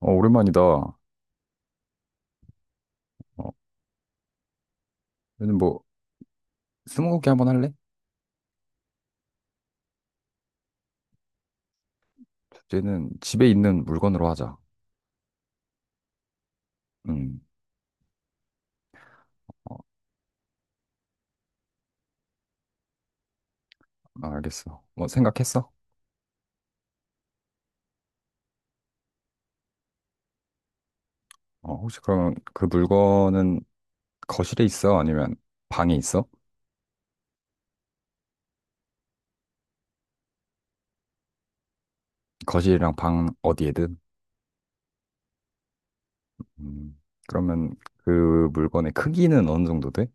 오랜만이다. 얘는 뭐, 스무고개 한번 할래? 주제는 집에 있는 물건으로 하자. 음, 어, 아, 알겠어. 뭐, 생각했어? 혹시 그러면 그 물건은 거실에 있어? 아니면 방에 있어? 거실이랑 방 어디에든? 음, 그러면 그 물건의 크기는 어느 정도 돼?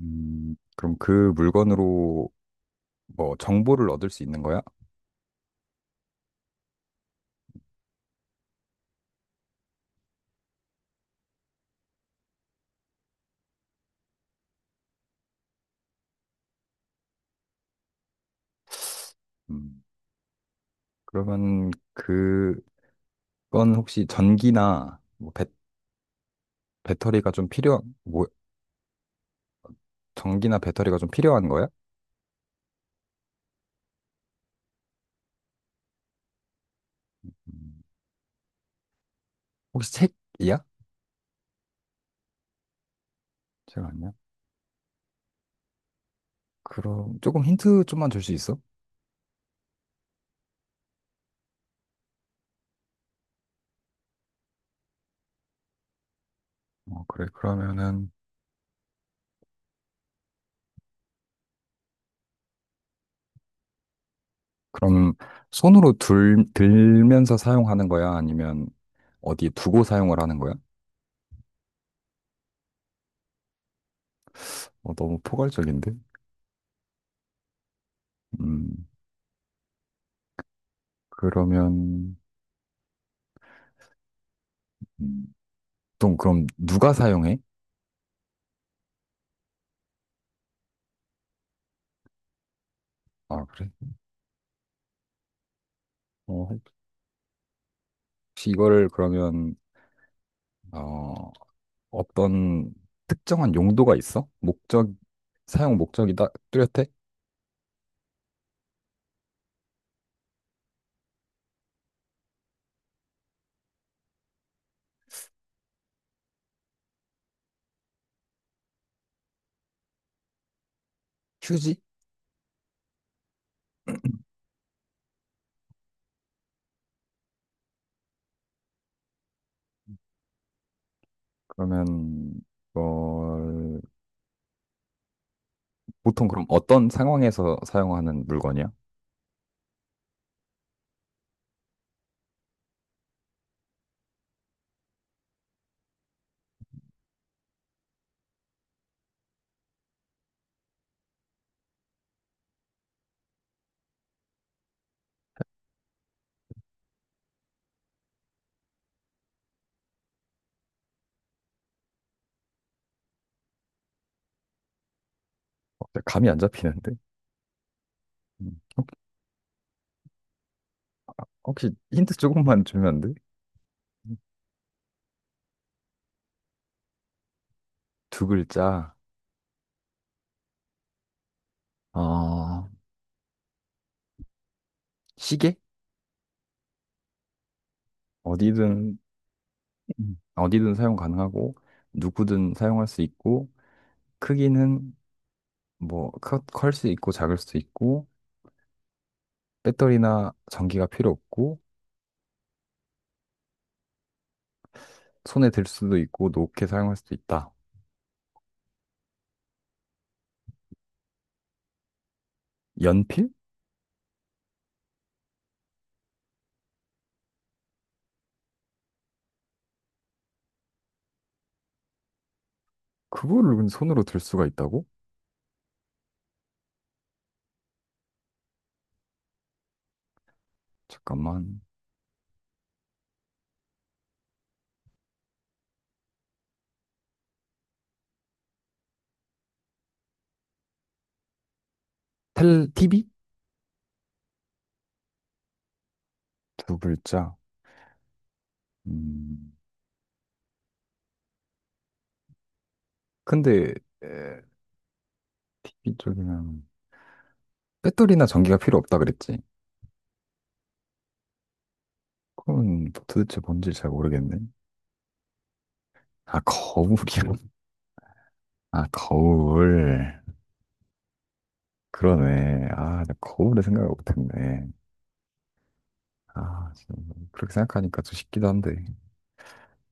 그럼 그 물건으로 뭐, 정보를 얻을 수 있는 거야? 음, 그러면 그건 혹시 전기나 배터리가 좀 필요한, 뭐, 전기나 배터리가 좀 필요한 거야? 음, 혹시 책이야? 책 아니야? 그럼 조금 힌트 좀만 줄 수 있어? 어, 그래. 그러면은 그럼 손으로 들면서 사용하는 거야? 아니면 어디 두고 사용을 하는 거야? 어, 너무 포괄적인데? 음, 그러면 음, 보통 그럼 누가 사용해? 아, 그래? 어, 혹시 이거를 그러면 어, 어떤 특정한 용도가 있어? 목적 사용 목적이 다 뚜렷해? 휴지? 그러면 이걸 보통 그럼 어떤 상황에서 사용하는 물건이야? 어, 감이 안 잡히는데? 음. 혹시 힌트 조금만 주면 안 돼? 두 글자. 어, 시계? 어디든 어디든 사용 가능하고 누구든 사용할 수 있고 크기는 뭐 클 수 있고 작을 수도 있고 배터리나 전기가 필요 없고 손에 들 수도 있고 높게 사용할 수도 있다. 연필? 그거를 근데 손으로 들 수가 있다고? 잠깐만. TV? 두 글자. 음. 근데 에, TV 쪽이면 배터리나 전기가 필요 없다 그랬지. 그건 뭐 도대체 뭔지 잘 모르겠네. 아, 거울이야. 아, 거울. 그러네. 아, 나 거울을 생각을 못했네. 아, 진짜 뭐 그렇게 생각하니까 좀 쉽기도 한데.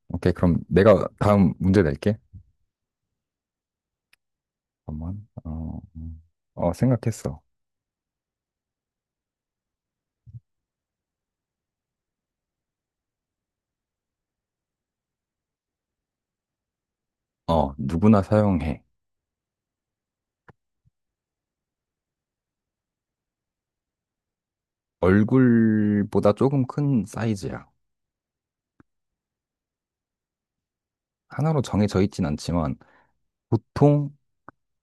오케이, 그럼 내가 다음 문제 낼게. 잠깐만. 어, 어, 생각했어. 어, 누구나 사용해. 얼굴보다 조금 큰 사이즈야. 하나로 정해져 있진 않지만 보통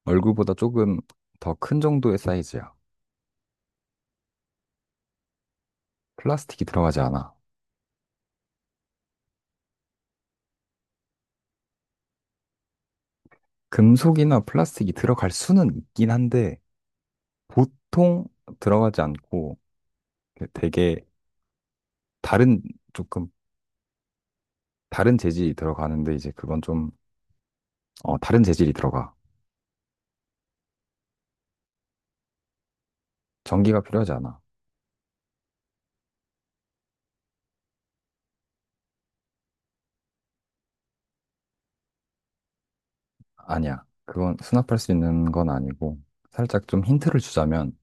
얼굴보다 조금 더 큰 정도의 사이즈야. 플라스틱이 들어가지 않아. 금속이나 플라스틱이 들어갈 수는 있긴 한데, 보통 들어가지 않고 되게 다른, 조금 다른 재질이 들어가는데, 이제 그건 좀, 어, 다른 재질이 들어가. 전기가 필요하지 않아. 아니야. 그건 수납할 수 있는 건 아니고, 살짝 좀 힌트를 주자면,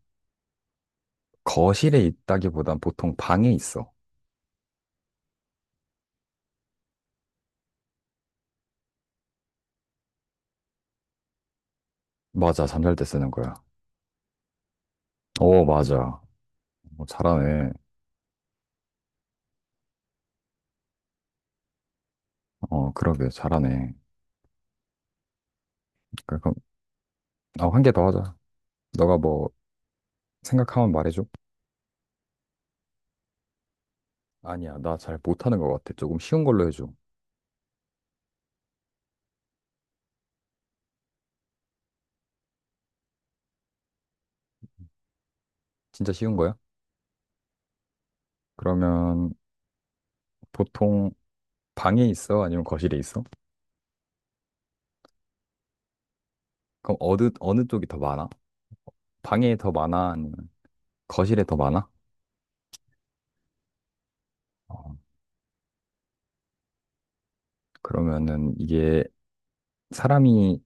거실에 있다기보단 보통 방에 있어. 맞아, 잠잘 때 쓰는 거야. 오, 맞아. 어, 잘하네. 어, 그러게, 잘하네. 그럼, 나 한 개 더 하자. 너가 뭐, 생각하면 말해줘. 아니야, 나 잘 못하는 것 같아. 조금 쉬운 걸로 해줘. 진짜 쉬운 거야? 그러면, 보통, 방에 있어? 아니면 거실에 있어? 그럼 어느 쪽이 더 많아? 방에 더 많아? 아니면 거실에 더 많아? 어, 그러면은, 이게, 사람이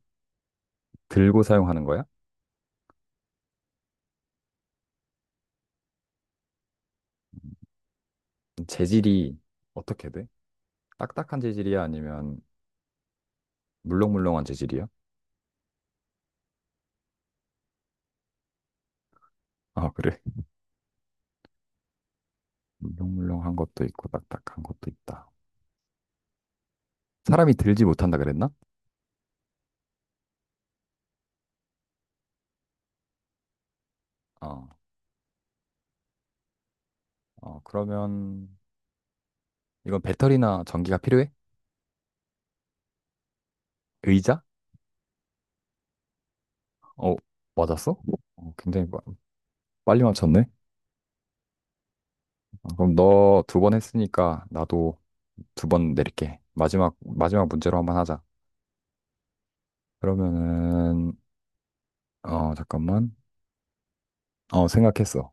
들고 사용하는 거야? 재질이 어떻게 돼? 딱딱한 재질이야? 아니면, 물렁물렁한 재질이야? 아, 그래. 물렁물렁한 것도 있고, 딱딱한 것도 있다. 사람이 들지 못한다 그랬나? 어, 어, 그러면 이건 배터리나 전기가 필요해? 의자? 어, 맞았어? 어, 빨리 맞췄네. 어, 그럼 너 두 번 했으니까 나도 두 번 내릴게. 마지막 문제로 한번 하자. 그러면은 어, 잠깐만. 어, 생각했어.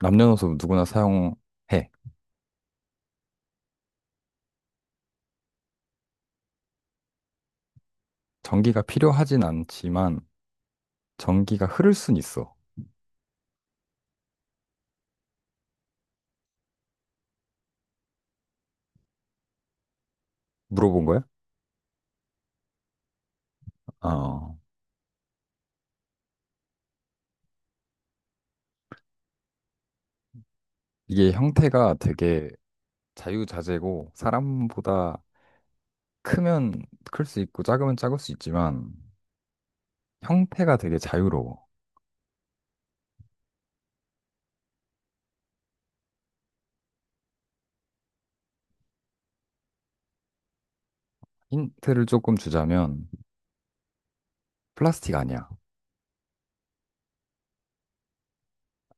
남녀노소 누구나 사용해. 전기가 필요하진 않지만 전기가 흐를 순 있어. 물어본 거야? 어, 이게 형태가 되게 자유자재고 사람보다 크면 클 수 있고 작으면 작을 수 있지만 형태가 되게 자유로워. 힌트를 조금 주자면 플라스틱 아니야.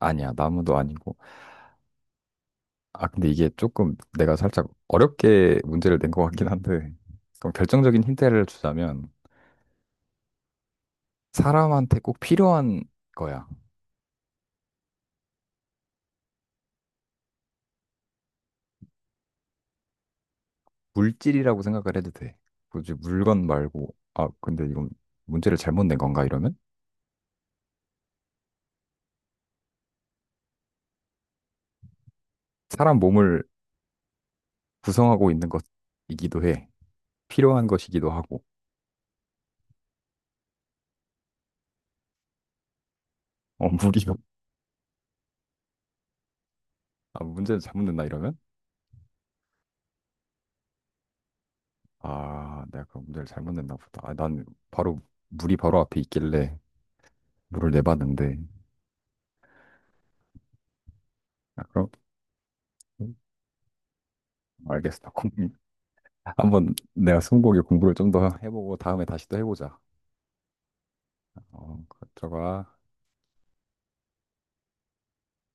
아니야. 나무도 아니고. 아, 근데 이게 조금 내가 살짝 어렵게 문제를 낸 것 같긴 한데 그럼 결정적인 힌트를 주자면 사람한테 꼭 필요한 거야. 물질이라고 생각을 해도 돼. 굳이 물건 말고 아, 근데 이건 문제를 잘못 낸 건가 이러면 사람 몸을 구성하고 있는 것이기도 해. 필요한 것이기도 하고. 어, 물이요. 아, 문제를 잘못 냈나 이러면? 아, 내가 그 문제를 잘못 냈나 보다. 아, 난 바로 물이 바로 앞에 있길래 물을 내봤는데. 아, 그럼 음, 알겠어. 공- 한번 내가 스무고개 공부를 좀 더 해보고 다음에 다시 또 해보자. 어, 그거 들어가.